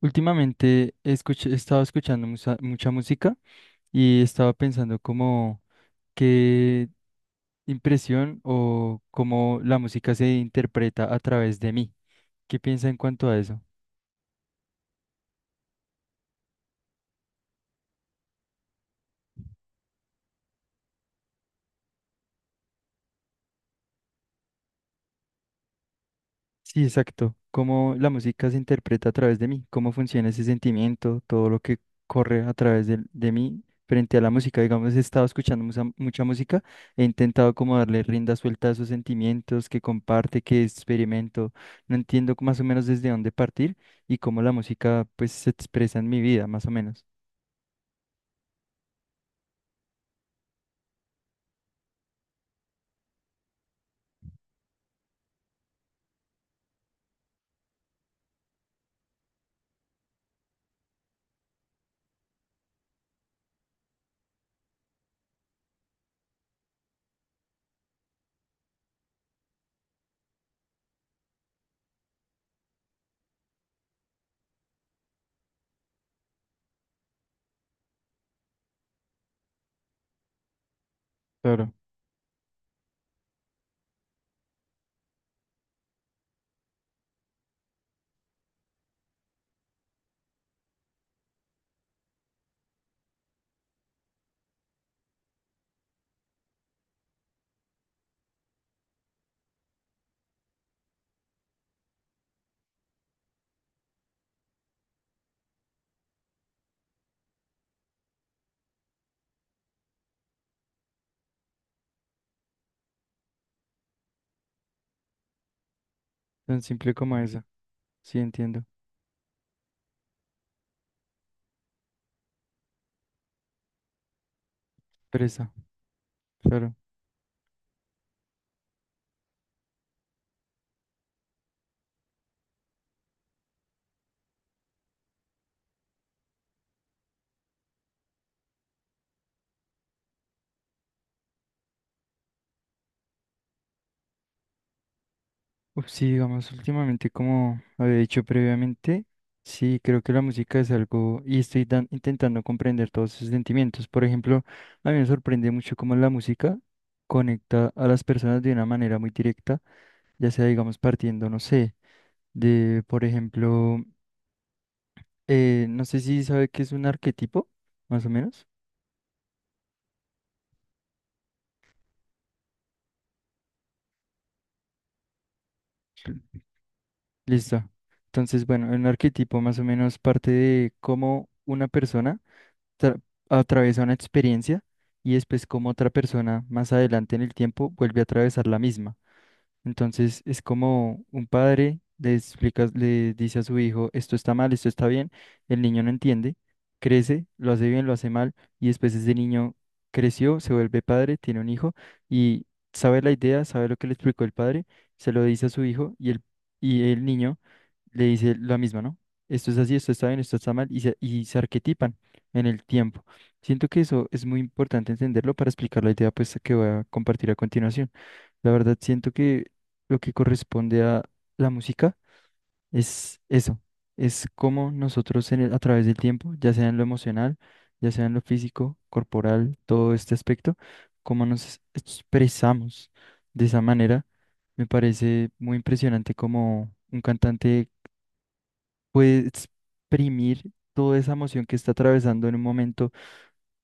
Últimamente he estado escuchando mucha música y estaba pensando como qué impresión o cómo la música se interpreta a través de mí. ¿Qué piensa en cuanto a eso? Sí, exacto. Cómo la música se interpreta a través de mí, cómo funciona ese sentimiento, todo lo que corre a través de mí frente a la música. Digamos, he estado escuchando mucha música, he intentado como darle rienda suelta a esos sentimientos que comparte, que experimento. No entiendo más o menos desde dónde partir y cómo la música pues se expresa en mi vida, más o menos. Claro, tan simple como eso. Sí, entiendo. Presa, claro. Uf, sí, digamos, últimamente, como había dicho previamente, sí, creo que la música es algo y estoy intentando comprender todos esos sentimientos. Por ejemplo, a mí me sorprende mucho cómo la música conecta a las personas de una manera muy directa, ya sea, digamos, partiendo, no sé, de, por ejemplo, no sé si sabe qué es un arquetipo, más o menos. Listo. Entonces, bueno, un arquetipo más o menos parte de cómo una persona tra- atraviesa una experiencia y después como otra persona más adelante en el tiempo vuelve a atravesar la misma. Entonces es como un padre le explica, le dice a su hijo, esto está mal, esto está bien, el niño no entiende, crece, lo hace bien, lo hace mal y después ese niño creció, se vuelve padre, tiene un hijo y sabe la idea, sabe lo que le explicó el padre, se lo dice a su hijo y el niño le dice la misma, ¿no? Esto es así, esto está bien, esto está mal, y se arquetipan en el tiempo. Siento que eso es muy importante entenderlo para explicar la idea pues, que voy a compartir a continuación. La verdad, siento que lo que corresponde a la música es eso, es cómo nosotros a través del tiempo, ya sea en lo emocional, ya sea en lo físico, corporal, todo este aspecto, cómo nos expresamos de esa manera. Me parece muy impresionante como un cantante puede exprimir toda esa emoción que está atravesando en un momento,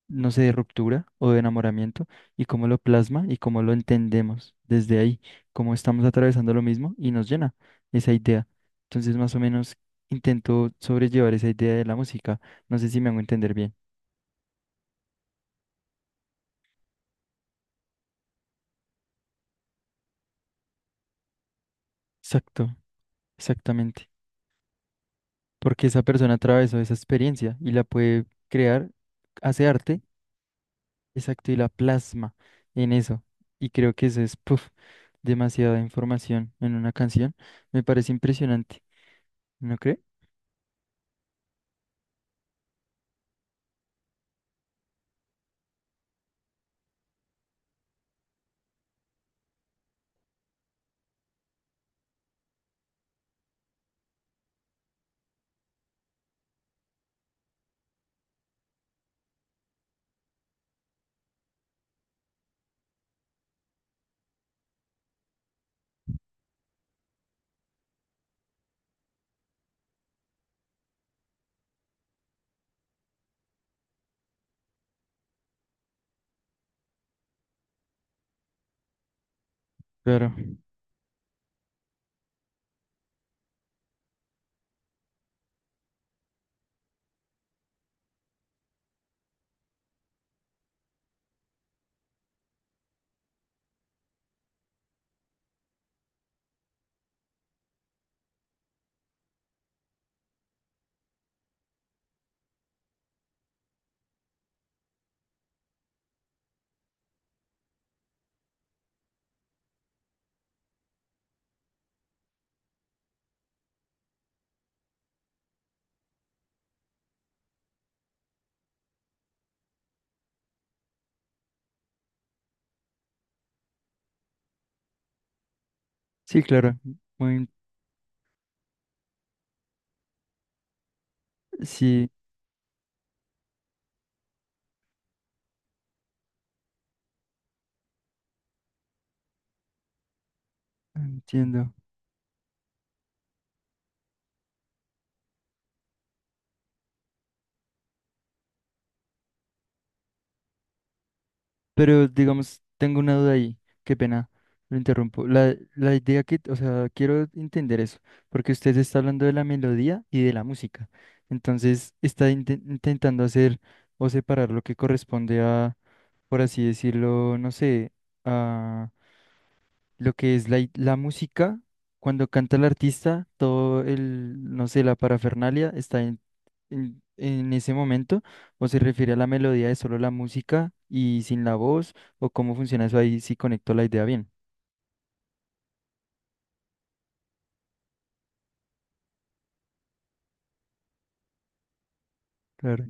no sé, de ruptura o de enamoramiento, y cómo lo plasma y cómo lo entendemos desde ahí, cómo estamos atravesando lo mismo y nos llena esa idea. Entonces, más o menos, intento sobrellevar esa idea de la música. No sé si me hago entender bien. Exacto, exactamente. Porque esa persona atravesó esa experiencia y la puede crear, hace arte. Exacto, y la plasma en eso. Y creo que eso es, puf, demasiada información en una canción. Me parece impresionante, ¿no cree? Claro. Sí, claro. Muy, sí, entiendo. Pero digamos, tengo una duda ahí. Qué pena, lo interrumpo. La idea que, o sea, quiero entender eso, porque usted está hablando de la melodía y de la música. Entonces, está intentando hacer o separar lo que corresponde a, por así decirlo, no sé, a lo que es la música, cuando canta el artista, todo el, no sé, la parafernalia está en ese momento, o se refiere a la melodía de solo la música y sin la voz, o cómo funciona eso ahí, si conecto la idea bien. Claro,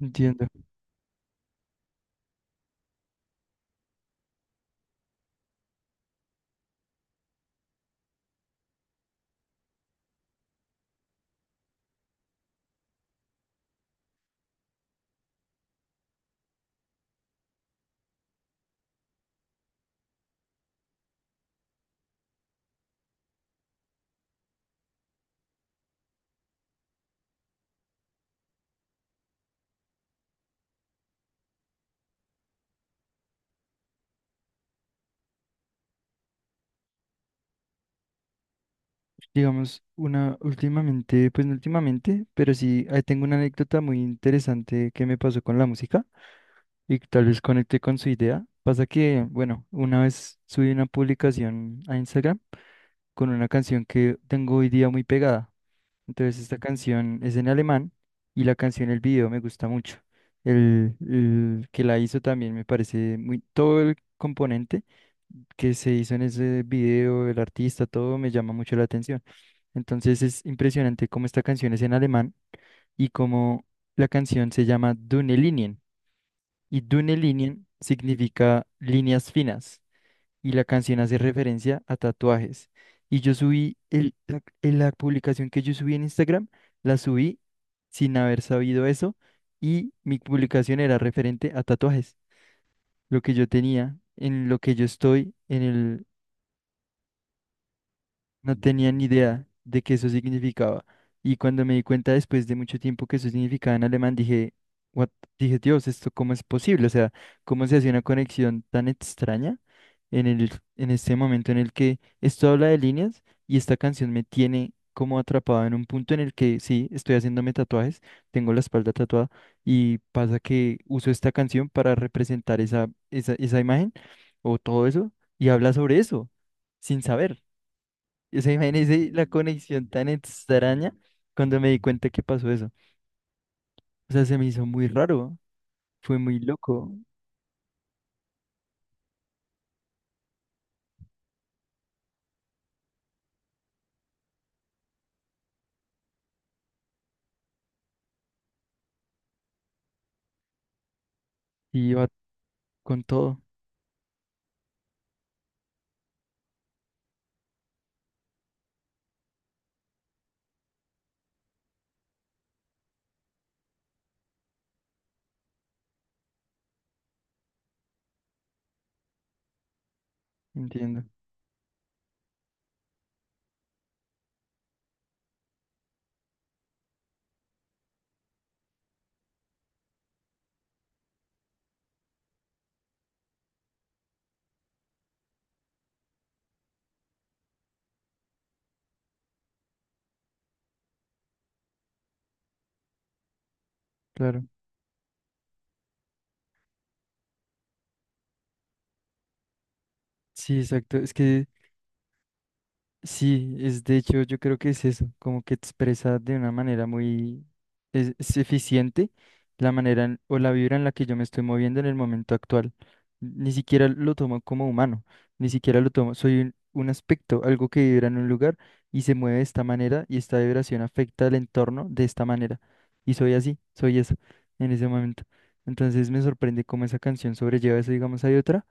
entiendo. Digamos, una últimamente, pues no últimamente, pero sí, ahí tengo una anécdota muy interesante que me pasó con la música y que tal vez conecte con su idea. Pasa que, bueno, una vez subí una publicación a Instagram con una canción que tengo hoy día muy pegada. Entonces esta canción es en alemán y la canción, el video me gusta mucho. El que la hizo también me parece muy, todo el componente que se hizo en ese video, el artista, todo me llama mucho la atención. Entonces es impresionante cómo esta canción es en alemán y cómo la canción se llama Dünne Linien. Y Dünne Linien significa líneas finas y la canción hace referencia a tatuajes. Y yo subí en la publicación que yo subí en Instagram, la subí sin haber sabido eso y mi publicación era referente a tatuajes, lo que yo tenía, en lo que yo estoy, no tenía ni idea de qué eso significaba. Y cuando me di cuenta después de mucho tiempo que eso significaba en alemán, dije, "What?". Dije, Dios, ¿esto cómo es posible? O sea, ¿cómo se hace una conexión tan extraña en el, en este momento en el que esto habla de líneas y esta canción me tiene como atrapado en un punto en el que sí, estoy haciéndome tatuajes, tengo la espalda tatuada y pasa que uso esta canción para representar esa imagen o todo eso y habla sobre eso sin saber. O sea, imagínese la conexión tan extraña cuando me di cuenta que pasó eso. O sea, se me hizo muy raro, fue muy loco y iba con todo, entiendo, claro. Sí, exacto, es que sí, es de hecho, yo creo que es eso, como que expresa de una manera muy es eficiente la manera o la vibra en la que yo me estoy moviendo en el momento actual. Ni siquiera lo tomo como humano, ni siquiera lo tomo, soy un aspecto, algo que vibra en un lugar y se mueve de esta manera y esta vibración afecta al entorno de esta manera. Y soy así, soy eso en ese momento. Entonces me sorprende cómo esa canción sobrelleva eso, digamos, hay otra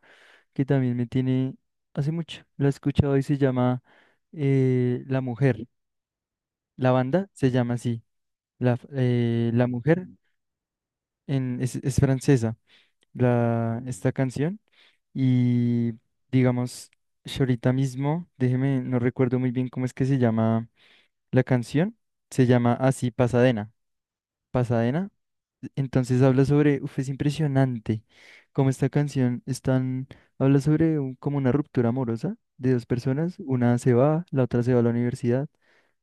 que también me tiene hace mucho. La he escuchado y se llama La Mujer. La banda se llama así. La Mujer en, es francesa, la, esta canción. Y digamos, yo ahorita mismo, déjeme, no recuerdo muy bien cómo es que se llama la canción. Se llama así Pasadena. Pasadena. Entonces habla sobre, uf, es impresionante cómo esta canción están, habla sobre como una ruptura amorosa de dos personas, una se va, la otra se va a la universidad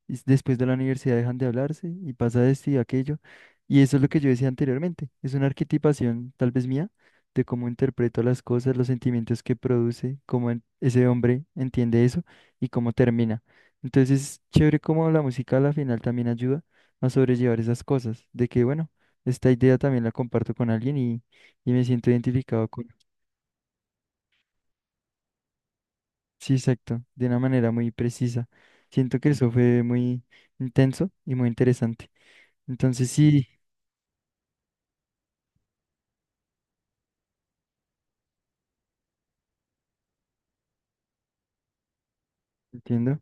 y después de la universidad dejan de hablarse y pasa esto y aquello. Y eso es lo que yo decía anteriormente, es una arquetipación tal vez mía de cómo interpreto las cosas, los sentimientos que produce, cómo ese hombre entiende eso y cómo termina. Entonces, chévere cómo la música a la final también ayuda a sobrellevar esas cosas, de que bueno, esta idea también la comparto con alguien y me siento identificado con... Sí, exacto, de una manera muy precisa. Siento que eso fue muy intenso y muy interesante. Entonces sí, entiendo,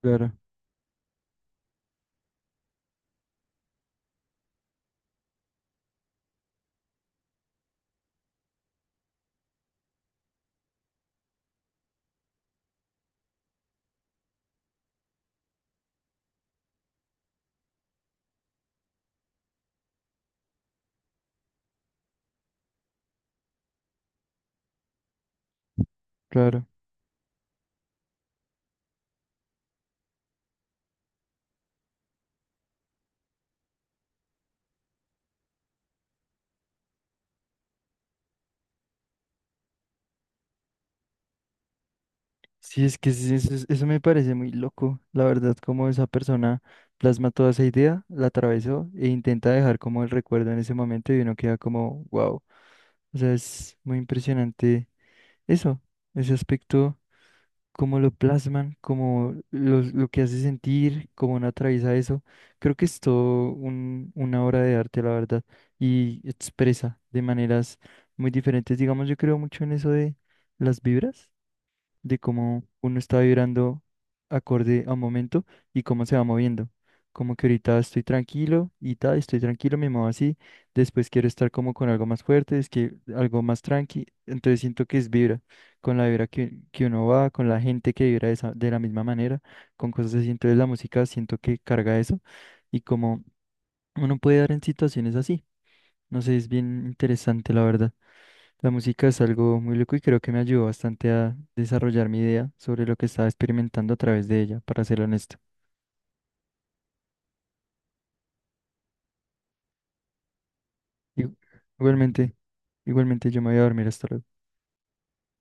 claro, claro. Sí, es que sí, eso, eso me parece muy loco, la verdad, como esa persona plasma toda esa idea, la atravesó e intenta dejar como el recuerdo en ese momento y uno queda como, wow. O sea, es muy impresionante eso, ese aspecto, cómo lo plasman, cómo lo que hace sentir, cómo uno atraviesa eso. Creo que es todo una obra de arte, la verdad, y expresa de maneras muy diferentes. Digamos, yo creo mucho en eso de las vibras, de cómo uno está vibrando acorde a un momento y cómo se va moviendo. Como que ahorita estoy tranquilo y tal, estoy tranquilo, me muevo así. Después quiero estar como con algo más fuerte, es que algo más tranqui. Entonces siento que es vibra, con la vibra que uno va, con la gente que vibra de la misma manera, con cosas así. Entonces la música siento que carga eso y como uno puede dar en situaciones así. No sé, es bien interesante, la verdad. La música es algo muy loco y creo que me ayudó bastante a desarrollar mi idea sobre lo que estaba experimentando a través de ella, para ser honesto. Igu- Igualmente, igualmente yo me voy a dormir hasta luego.